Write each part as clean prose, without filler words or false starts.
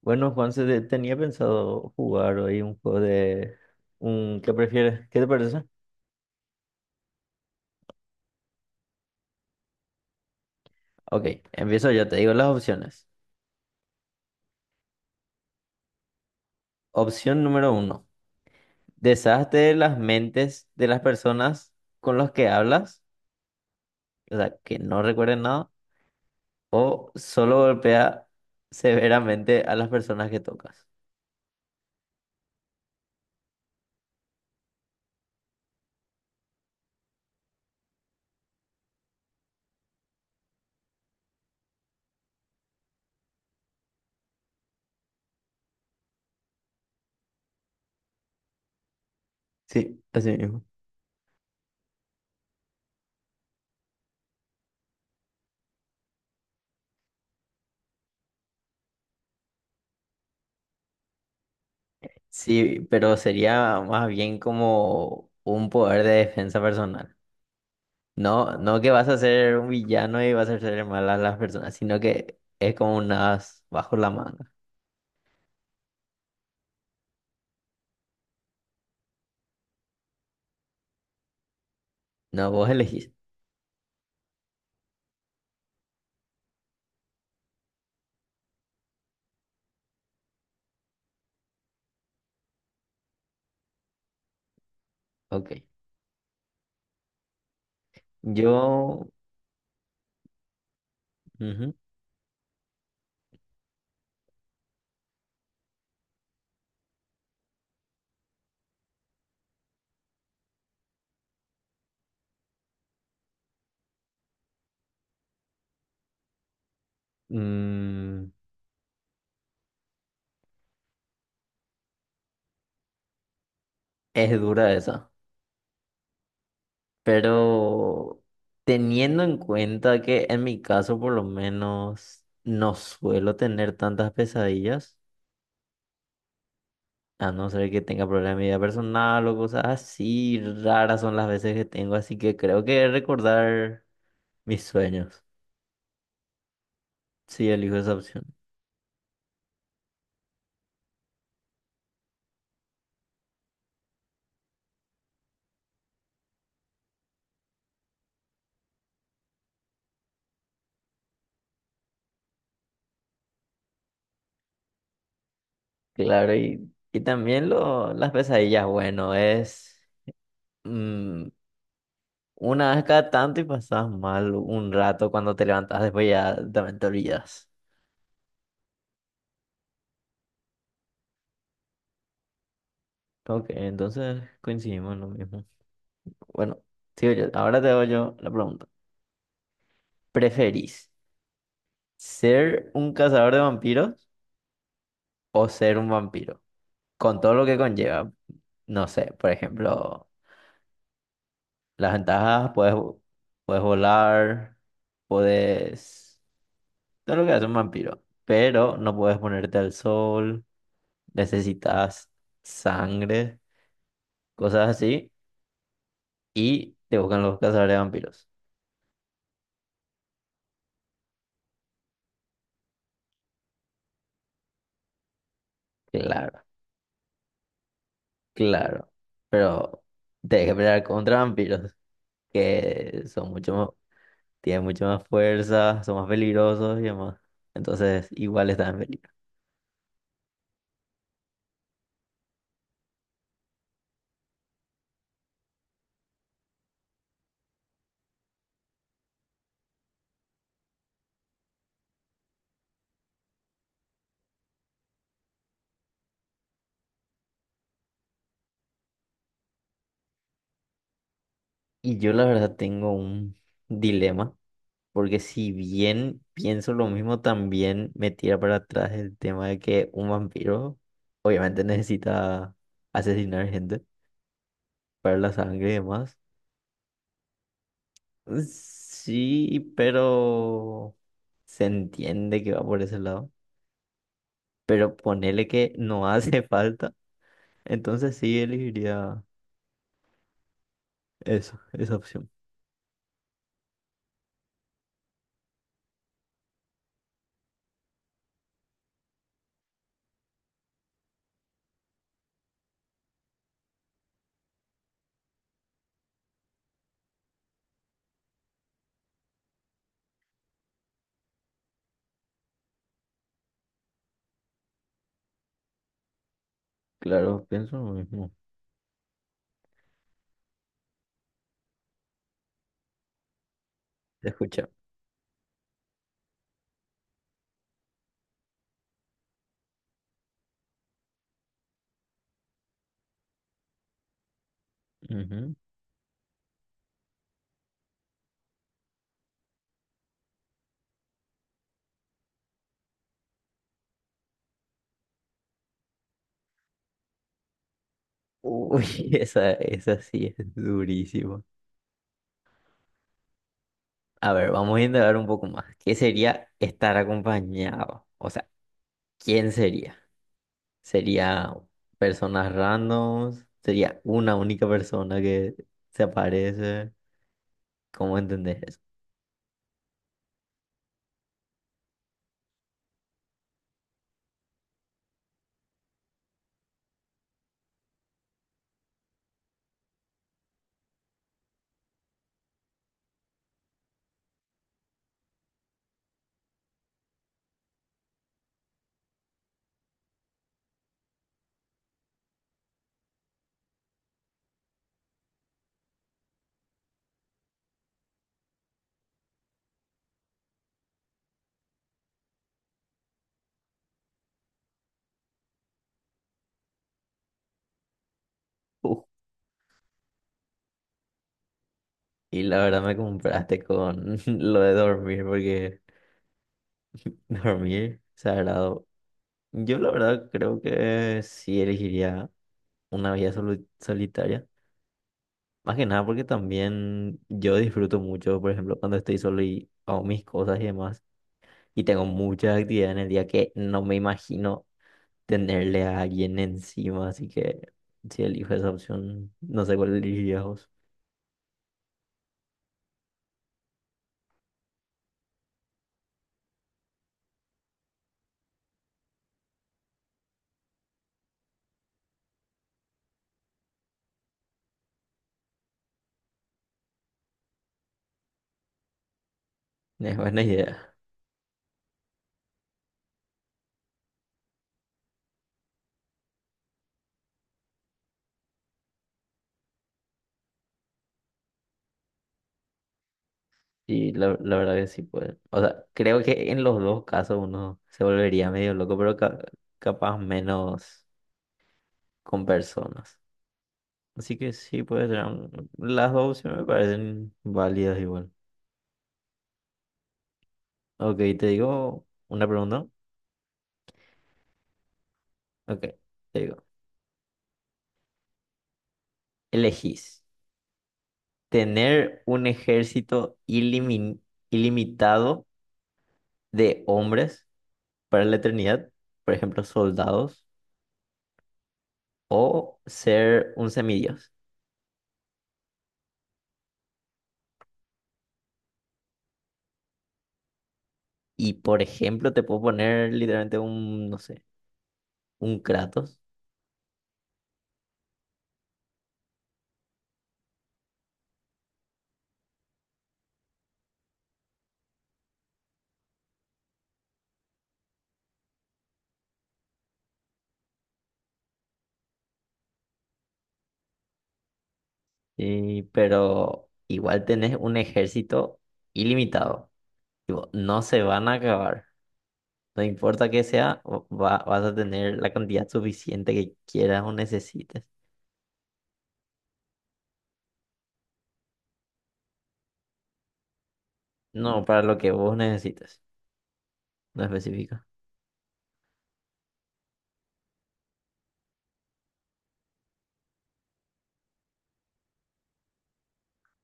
Bueno, Juan, tenía pensado jugar hoy un juego de... ¿qué prefieres? ¿Qué te parece? Ok, empiezo yo, te digo las opciones. Opción número uno, deshazte de las mentes de las personas con las que hablas, o sea, que no recuerden nada, o solo golpea severamente a las personas que tocas. Sí, así mismo. Sí, pero sería más bien como un poder de defensa personal. No, no que vas a ser un villano y vas a hacer mal a las personas, sino que es como un as bajo la manga. No, vos elegís. Ok. Yo... Ujú. Mm, es dura esa. Pero teniendo en cuenta que en mi caso por lo menos no suelo tener tantas pesadillas, a no ser que tenga problemas de mi vida personal o cosas así, raras son las veces que tengo, así que creo que recordar mis sueños. Sí, elijo esa opción. Claro, y también lo, las pesadillas, bueno, es mm, una vez cada tanto y pasas mal un rato cuando te levantas, después ya también te olvidas. Ok, entonces coincidimos en lo mismo. Bueno, sigo yo. Ahora te hago yo la pregunta. ¿Preferís ser un cazador de vampiros o ser un vampiro? Con todo lo que conlleva. No sé, por ejemplo, las ventajas, puedes, volar, puedes... No lo que hace un vampiro, pero no puedes ponerte al sol, necesitas sangre, cosas así, y te buscan los cazadores de vampiros. Claro, claro. Pero tienes que pelear contra vampiros, que son mucho más, tienen mucho más fuerza, son más peligrosos y demás. Entonces, igual están en peligro. Y yo la verdad tengo un dilema. Porque si bien pienso lo mismo, también me tira para atrás el tema de que un vampiro obviamente necesita asesinar gente para la sangre y demás. Sí, pero se entiende que va por ese lado. Pero ponele que no hace falta. Entonces sí elegiría eso, esa opción. Claro, pienso lo mismo. Te escucha. Ujú. Uy, esa sí es durísima. A ver, vamos a indagar un poco más. ¿Qué sería estar acompañado? O sea, ¿quién sería? ¿Sería personas randoms? ¿Sería una única persona que se aparece? ¿Cómo entendés eso? Uf, y la verdad me compraste con lo de dormir, porque dormir sagrado. Yo la verdad creo que sí elegiría una vida solitaria. Más que nada porque también yo disfruto mucho, por ejemplo, cuando estoy solo y hago mis cosas y demás. Y tengo muchas actividades en el día que no me imagino tenerle a alguien encima, así que si elijo esa opción, no sé cuál elegirías vos. Es buena idea. Y la verdad que sí puede. O sea, creo que en los dos casos uno se volvería medio loco, pero capaz menos con personas. Así que sí puede ser. Las dos opciones me parecen válidas igual. Ok, te digo una pregunta. Ok, te digo. Elegís. Tener un ejército ilimitado de hombres para la eternidad, por ejemplo, soldados, o ser un semidios. Y por ejemplo, te puedo poner literalmente un, no sé, un Kratos, pero igual tenés un ejército ilimitado. Tipo, no se van a acabar. No importa que sea, vas a tener la cantidad suficiente que quieras o necesites. No, para lo que vos necesites. No específica,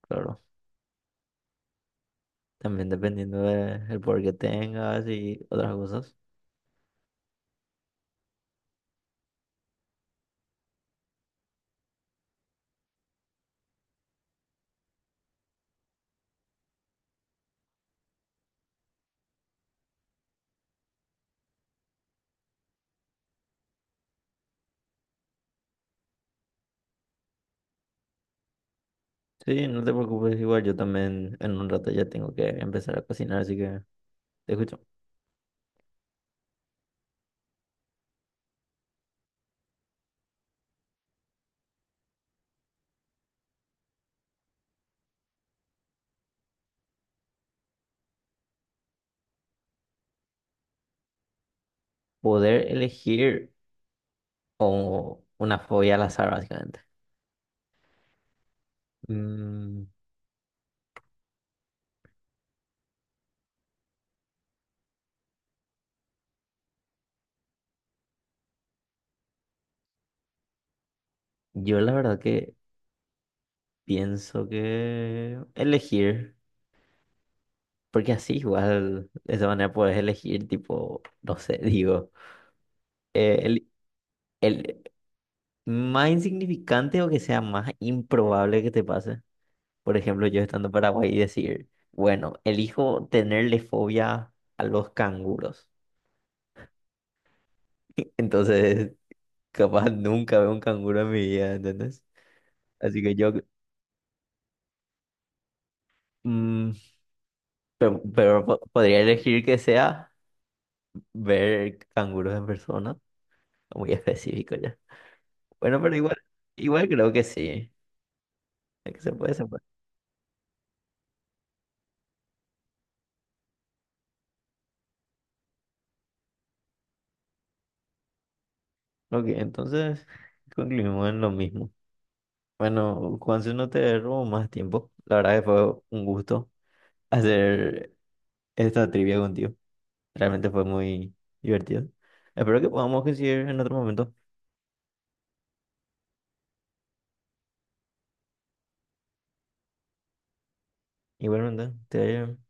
claro. También dependiendo del poder que tengas y otras cosas. Sí, no te preocupes, igual yo también en un rato ya tengo que empezar a cocinar, así que te escucho. Poder elegir o una fobia al azar, básicamente. Mm, yo la verdad que pienso que elegir, porque así igual de esa manera puedes elegir, tipo, no sé, digo, eh, el, el más insignificante o que sea más improbable que te pase. Por ejemplo, yo estando en Paraguay y decir, bueno, elijo tenerle fobia a los canguros. Entonces, capaz nunca veo un canguro en mi vida, ¿entendés? Así que yo, mm, pero podría elegir que sea ver canguros en persona. Muy específico ya. Bueno, pero igual, igual creo que sí. Es que se puede, se puede. Ok, entonces concluimos en lo mismo. Bueno, Juanse, no te robo más tiempo. La verdad que fue un gusto hacer esta trivia contigo. Realmente fue muy divertido. Espero que podamos coincidir en otro momento. Igualmente, te vaya bien.